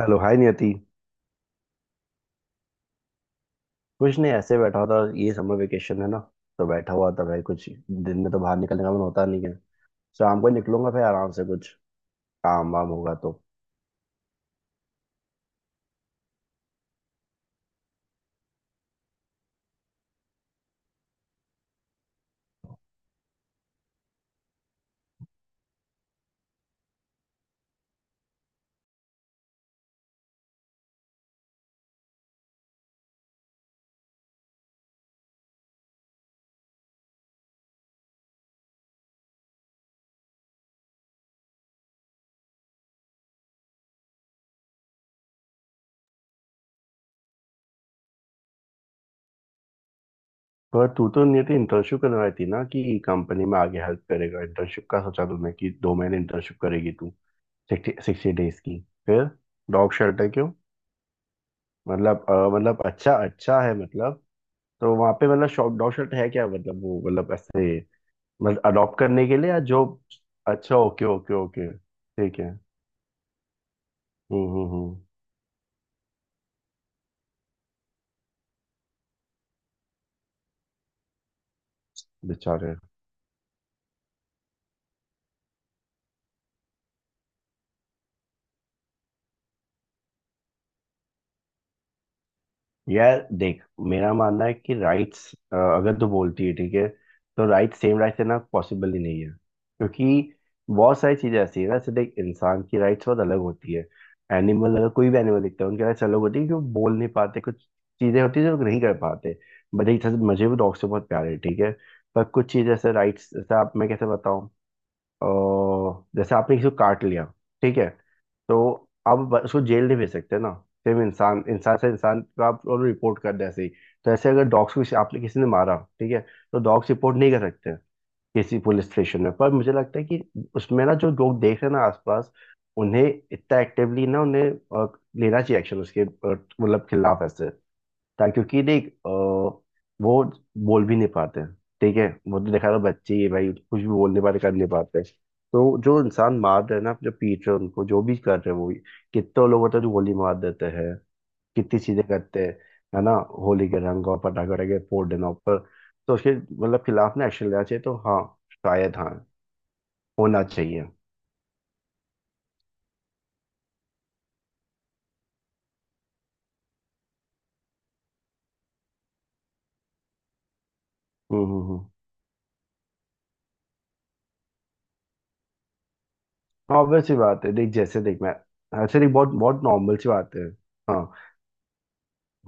Hello. Hi Niyati. कुछ नहीं, ऐसे बैठा था। ये समर वेकेशन है ना, तो बैठा हुआ था भाई। कुछ दिन में तो बाहर निकलने का मन होता नहीं है। शाम को ही निकलूंगा, फिर आराम से कुछ काम वाम होगा तो। पर तू तो नियति इंटर्नशिप करने वाली थी ना कि कंपनी में आगे हेल्प करेगा, इंटर्नशिप का सोचा तुमने कि 2 महीने इंटर्नशिप करेगी तू, 60 डेज की। फिर डॉग शेल्टर क्यों? मतलब मतलब अच्छा अच्छा है मतलब। तो वहाँ पे मतलब शॉप डॉग शेल्टर है क्या? मतलब वो मतलब ऐसे। मतलब अडॉप्ट करने के लिए या जो। अच्छा, ओके ओके ओके, ठीक है। हम्म। बेचारे। यार देख, मेरा मानना है कि राइट्स अगर तू बोलती है ठीक है, तो राइट सेम राइट देना पॉसिबल ही नहीं है, क्योंकि बहुत सारी चीजें ऐसी है ना। जैसे देख, इंसान की राइट्स बहुत अलग होती है। एनिमल, अगर कोई भी एनिमल दिखता है, उनकी राइट्स अलग होती है कि वो बोल नहीं पाते, कुछ चीजें होती है जो लोग नहीं कर पाते। बट एक तरह से मुझे भी डॉग से बहुत प्यार है, ठीक है। पर कुछ चीजें ऐसे राइट्स जैसे आप, मैं कैसे बताऊं, और जैसे आपने किसी को काट लिया, ठीक है, तो आप उसको जेल नहीं भेज सकते ना। सेम इंसान इंसान से इंसान को आप रिपोर्ट कर दें ऐसे ही। तो ऐसे अगर डॉग्स को आपने किसी ने मारा, ठीक है, तो डॉग्स रिपोर्ट नहीं कर सकते किसी पुलिस स्टेशन में। पर मुझे लगता है कि उसमें ना जो लोग देख रहे हैं ना आसपास, उन्हें इतना एक्टिवली ना उन्हें लेना चाहिए एक्शन उसके मतलब खिलाफ ऐसे। क्योंकि देख वो बोल भी नहीं पाते। ठीक है, वो तो देखा था, बच्चे ही है भाई, कुछ भी बोल नहीं पाते, कर नहीं पाते। तो जो इंसान मार रहे हैं ना, जो पीट रहे हैं उनको, जो भी कर रहे हैं वो, कितने लोग होते हैं जो गोली मार देते हैं, कितनी चीजें करते हैं, है ना। होली के रंग और पटाखे वटाखे फोड़ देना ऊपर, तो उसके मतलब खिलाफ ना एक्शन लेना चाहिए, तो हाँ, शायद हाँ, होना चाहिए। हम्म। ऑब्वियस सी बात है, देख जैसे देख मैं, ऐसे देख, बहुत बहुत नॉर्मल सी बात है। हाँ।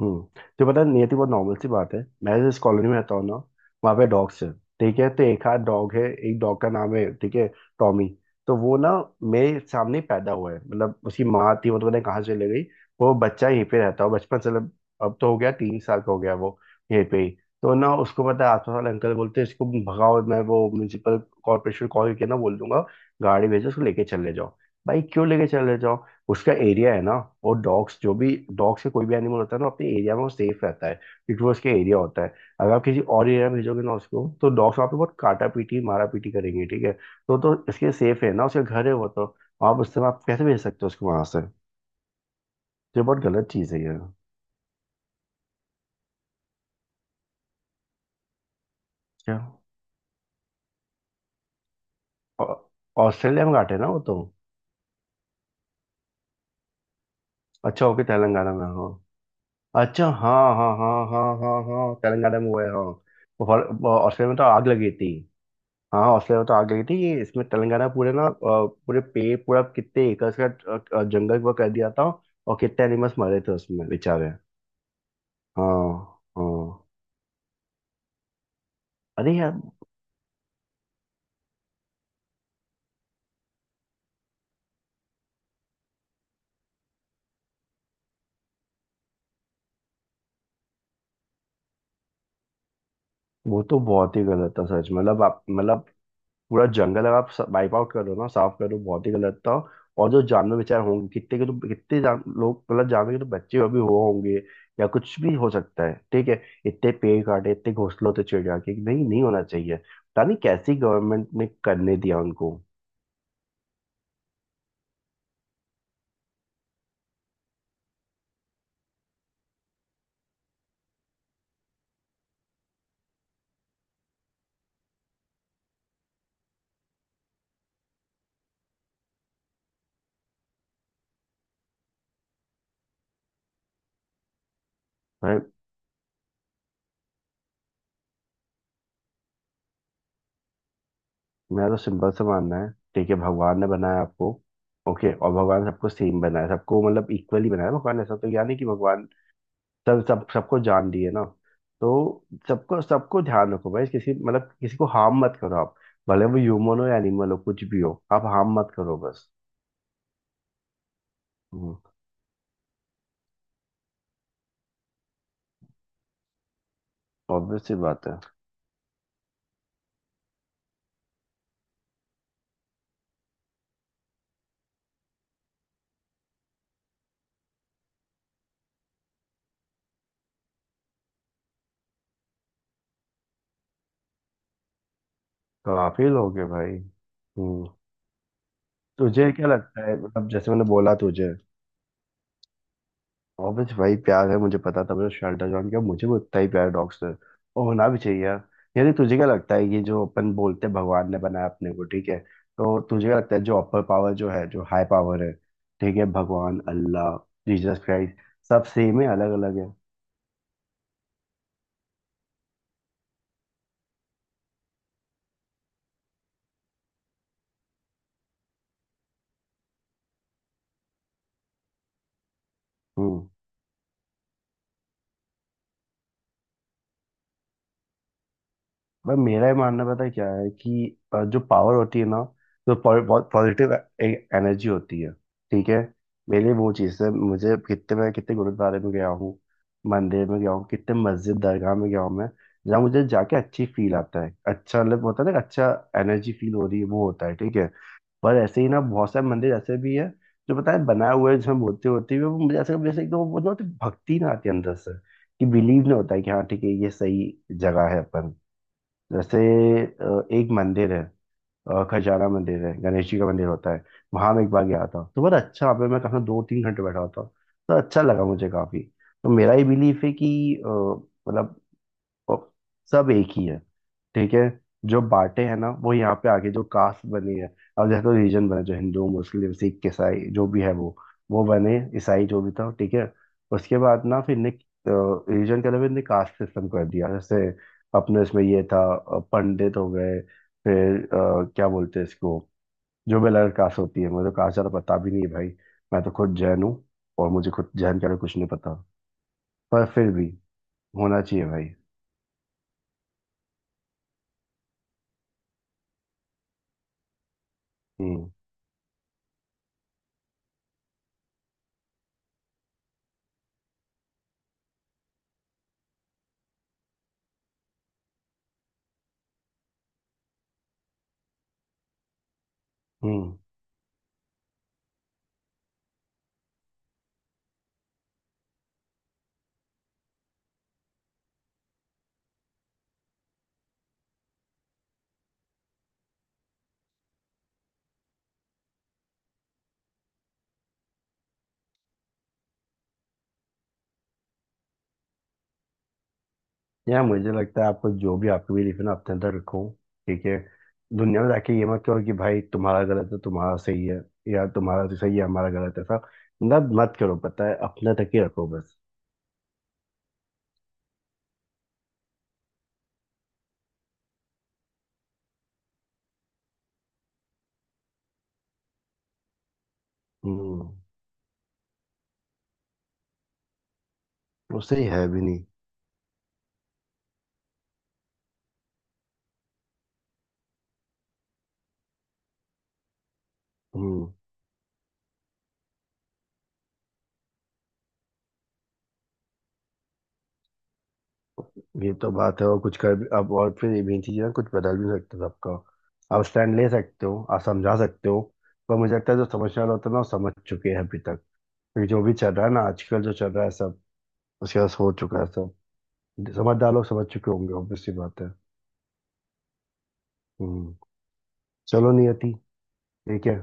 हम्म, तो पता है, नियति, बहुत नॉर्मल सी बात है, मैं जिस कॉलोनी में रहता हूँ ना, वहाँ पे डॉग्स है, ठीक है। तो एक आध डॉग है, एक डॉग का नाम है, ठीक है, टॉमी। तो वो ना मेरे सामने ही पैदा हुआ है, मतलब उसकी माँ थी, वो तो पता नहीं कहाँ चले गई। वो बच्चा यहीं पे रहता है बचपन से, मतलब अब तो हो गया, 3 साल का हो गया वो, यहीं पे ही। तो ना, उसको पता है, आसपास वाले अंकल बोलते हैं इसको भगाओ, मैं वो म्यूनसिपल कॉर्पोरेशन कॉल करके ना बोल दूंगा, गाड़ी भेजो उसको लेके चले जाओ। भाई क्यों लेके चले जाओ? उसका एरिया है ना। और डॉग्स जो भी, डॉग से कोई भी एनिमल होता है ना अपने एरिया में वो सेफ रहता है, क्योंकि वो उसके एरिया होता है। अगर आप किसी और एरिया में भेजोगे ना उसको, तो डॉग्स वहाँ पे बहुत काटा पीटी मारा पीटी करेंगे, ठीक है। तो इसके सेफ है ना, उसका घर है वो तो। आप उससे आप कैसे भेज सकते हो उसको वहां से? तो ये बहुत गलत चीज है ये। क्या? ऑ- ऑस्ट्रेलिया में घाट है ना वो तो। अच्छा, ओके, तेलंगाना में हो। अच्छा, हाँ हाँ हाँ हाँ हाँ हाँ तेलंगाना में हुआ है, हाँ। और ऑस्ट्रेलिया में तो आग लगी थी। हाँ, हौसले तो आ गई थी, ये इसमें तेलंगाना पूरे ना पूरे पे पूरा कितने एकड़ का जंगल वो कर दिया था। और कितने एनिमल्स मरे थे उसमें बेचारे। हाँ हाँ। अरे यार, वो तो बहुत ही गलत था सच, मतलब आप मतलब पूरा जंगल अगर आप वाइप आउट करो ना, साफ करो, बहुत ही गलत था। और जो जानवर बेचारे होंगे कितने के, तो कितने लोग मतलब जानवर के तो बच्चे अभी हुए होंगे, या कुछ भी हो सकता है, ठीक है। इतने पेड़ काटे, इतने घोंसले होते चिड़िया के, नहीं नहीं होना चाहिए, पता नहीं कैसी गवर्नमेंट ने करने दिया उनको। भाई मेरा तो सिंपल सा मानना है, ठीक है। भगवान ने बनाया आपको, ओके, और भगवान सबको सेम बनाया, सबको मतलब इक्वली बनाया। भगवान ऐसा तो यानी नहीं कि भगवान, सब सब सबको जान दिए ना, तो सबको सबको ध्यान रखो भाई, किसी मतलब किसी को हार्म मत करो आप। भले वो ह्यूमन हो या एनिमल हो कुछ भी हो, आप हार्म मत करो बस। हम्म। ऑब्वियस सी बात है। काफी लोग है भाई। हम्म। तुझे क्या लगता है, मतलब जैसे मैंने बोला तुझे? ऑब्वियस भाई, प्यार है, मुझे पता था मैंने शेल्टर ज्वाइन किया, मुझे भी उतना ही प्यार डॉग से, और होना भी चाहिए यार। यानी तुझे क्या लगता है, ये जो अपन बोलते हैं भगवान ने बनाया अपने को, ठीक है, तो तुझे क्या लगता है जो अपर पावर जो है, जो हाई पावर है, ठीक है, भगवान अल्लाह जीसस क्राइस्ट, सब सेम है? अलग अलग है? हम्म। भाई मेरा ही मानना पता है क्या है कि जो पावर होती है ना, बहुत पॉजिटिव एनर्जी होती है, ठीक है। मेरे लिए वो चीज़ है। मुझे कितने, मैं कितने गुरुद्वारे में गया हूँ, मंदिर में गया हूँ, कितने मस्जिद दरगाह में गया हूँ मैं, जहाँ मुझे जाके अच्छी फील आता है, अच्छा मतलब होता है ना, अच्छा एनर्जी फील हो रही है, वो होता है, ठीक है। पर ऐसे ही ना बहुत सारे मंदिर ऐसे भी है जो पता है बनाए हुए हैं, जिसमें बोलते होते हुए वो मुझे ऐसा जैसे एकदम वो ना, भक्ति ना आती है अंदर से, कि बिलीव नहीं होता है कि हाँ ठीक है, ये सही जगह है अपन। जैसे एक मंदिर है, खजाना मंदिर है, गणेश जी का मंदिर होता है। वहां मैं एक बार गया था, तो बड़ा अच्छा, वहाँ पे मैं कहा 2-3 घंटे बैठा हुआ था, तो अच्छा लगा मुझे काफी। तो मेरा ये बिलीफ है कि अ, मतलब, और सब एक ही है, ठीक है। जो बांटे हैं ना वो यहाँ पे आके जो कास्ट बनी है, अब जैसे तो रीजन बने जो हिंदू मुस्लिम सिख ईसाई जो भी है वो बने, ईसाई जो भी था ठीक है। उसके बाद ना फिर ने रीजन के अलावा ने कास्ट सिस्टम कर दिया, जैसे अपने इसमें ये था पंडित हो गए, फिर क्या बोलते हैं इसको, जो भी अलग कास्ट होती है, मुझे तो कास्ट ज़्यादा पता भी नहीं है भाई, मैं तो खुद जैन हूँ, और मुझे खुद जैन के अलावा कुछ नहीं पता। पर फिर भी होना चाहिए भाई। हम्म हम्म। यार मुझे लगता है, आपको जो भी आपकी बिलीफ है ना, अपने अंदर रखो, ठीक है। दुनिया में जाके ये मत कहो कि भाई तुम्हारा गलत है तुम्हारा सही है, या तुम्हारा तो सही है हमारा गलत है, सब मतलब मत करो, पता है, अपने तक ही रखो बस। हम्म। उससे ही है भी नहीं। हम्म। ये तो बात है, और कुछ कर भी अब, और फिर ये भी चीज़ है ना, कुछ बदल भी सकते हो सबका, आप स्टैंड ले सकते हो, आप समझा सकते हो। पर मुझे लगता है जो समझने वाला होता है ना वो समझ चुके हैं अभी तक, क्योंकि जो भी चल रहा है ना आजकल जो चल रहा है सब, उसके बाद हो चुका है सब, समझदार लोग समझ चुके होंगे, ऑब्वियस सी बात है। हम्म। चलो नियति, ठीक है।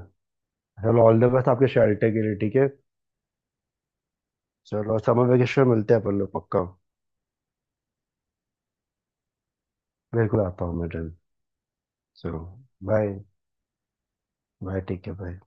चलो, ऑल द बेस्ट आपके शेल्टर के लिए, ठीक है। चलो समर वेकेशन मिलते हैं अपन लोग पक्का, बिल्कुल आता हूँ मैं जल्द। चलो, बाय। बाय, ठीक है, बाय।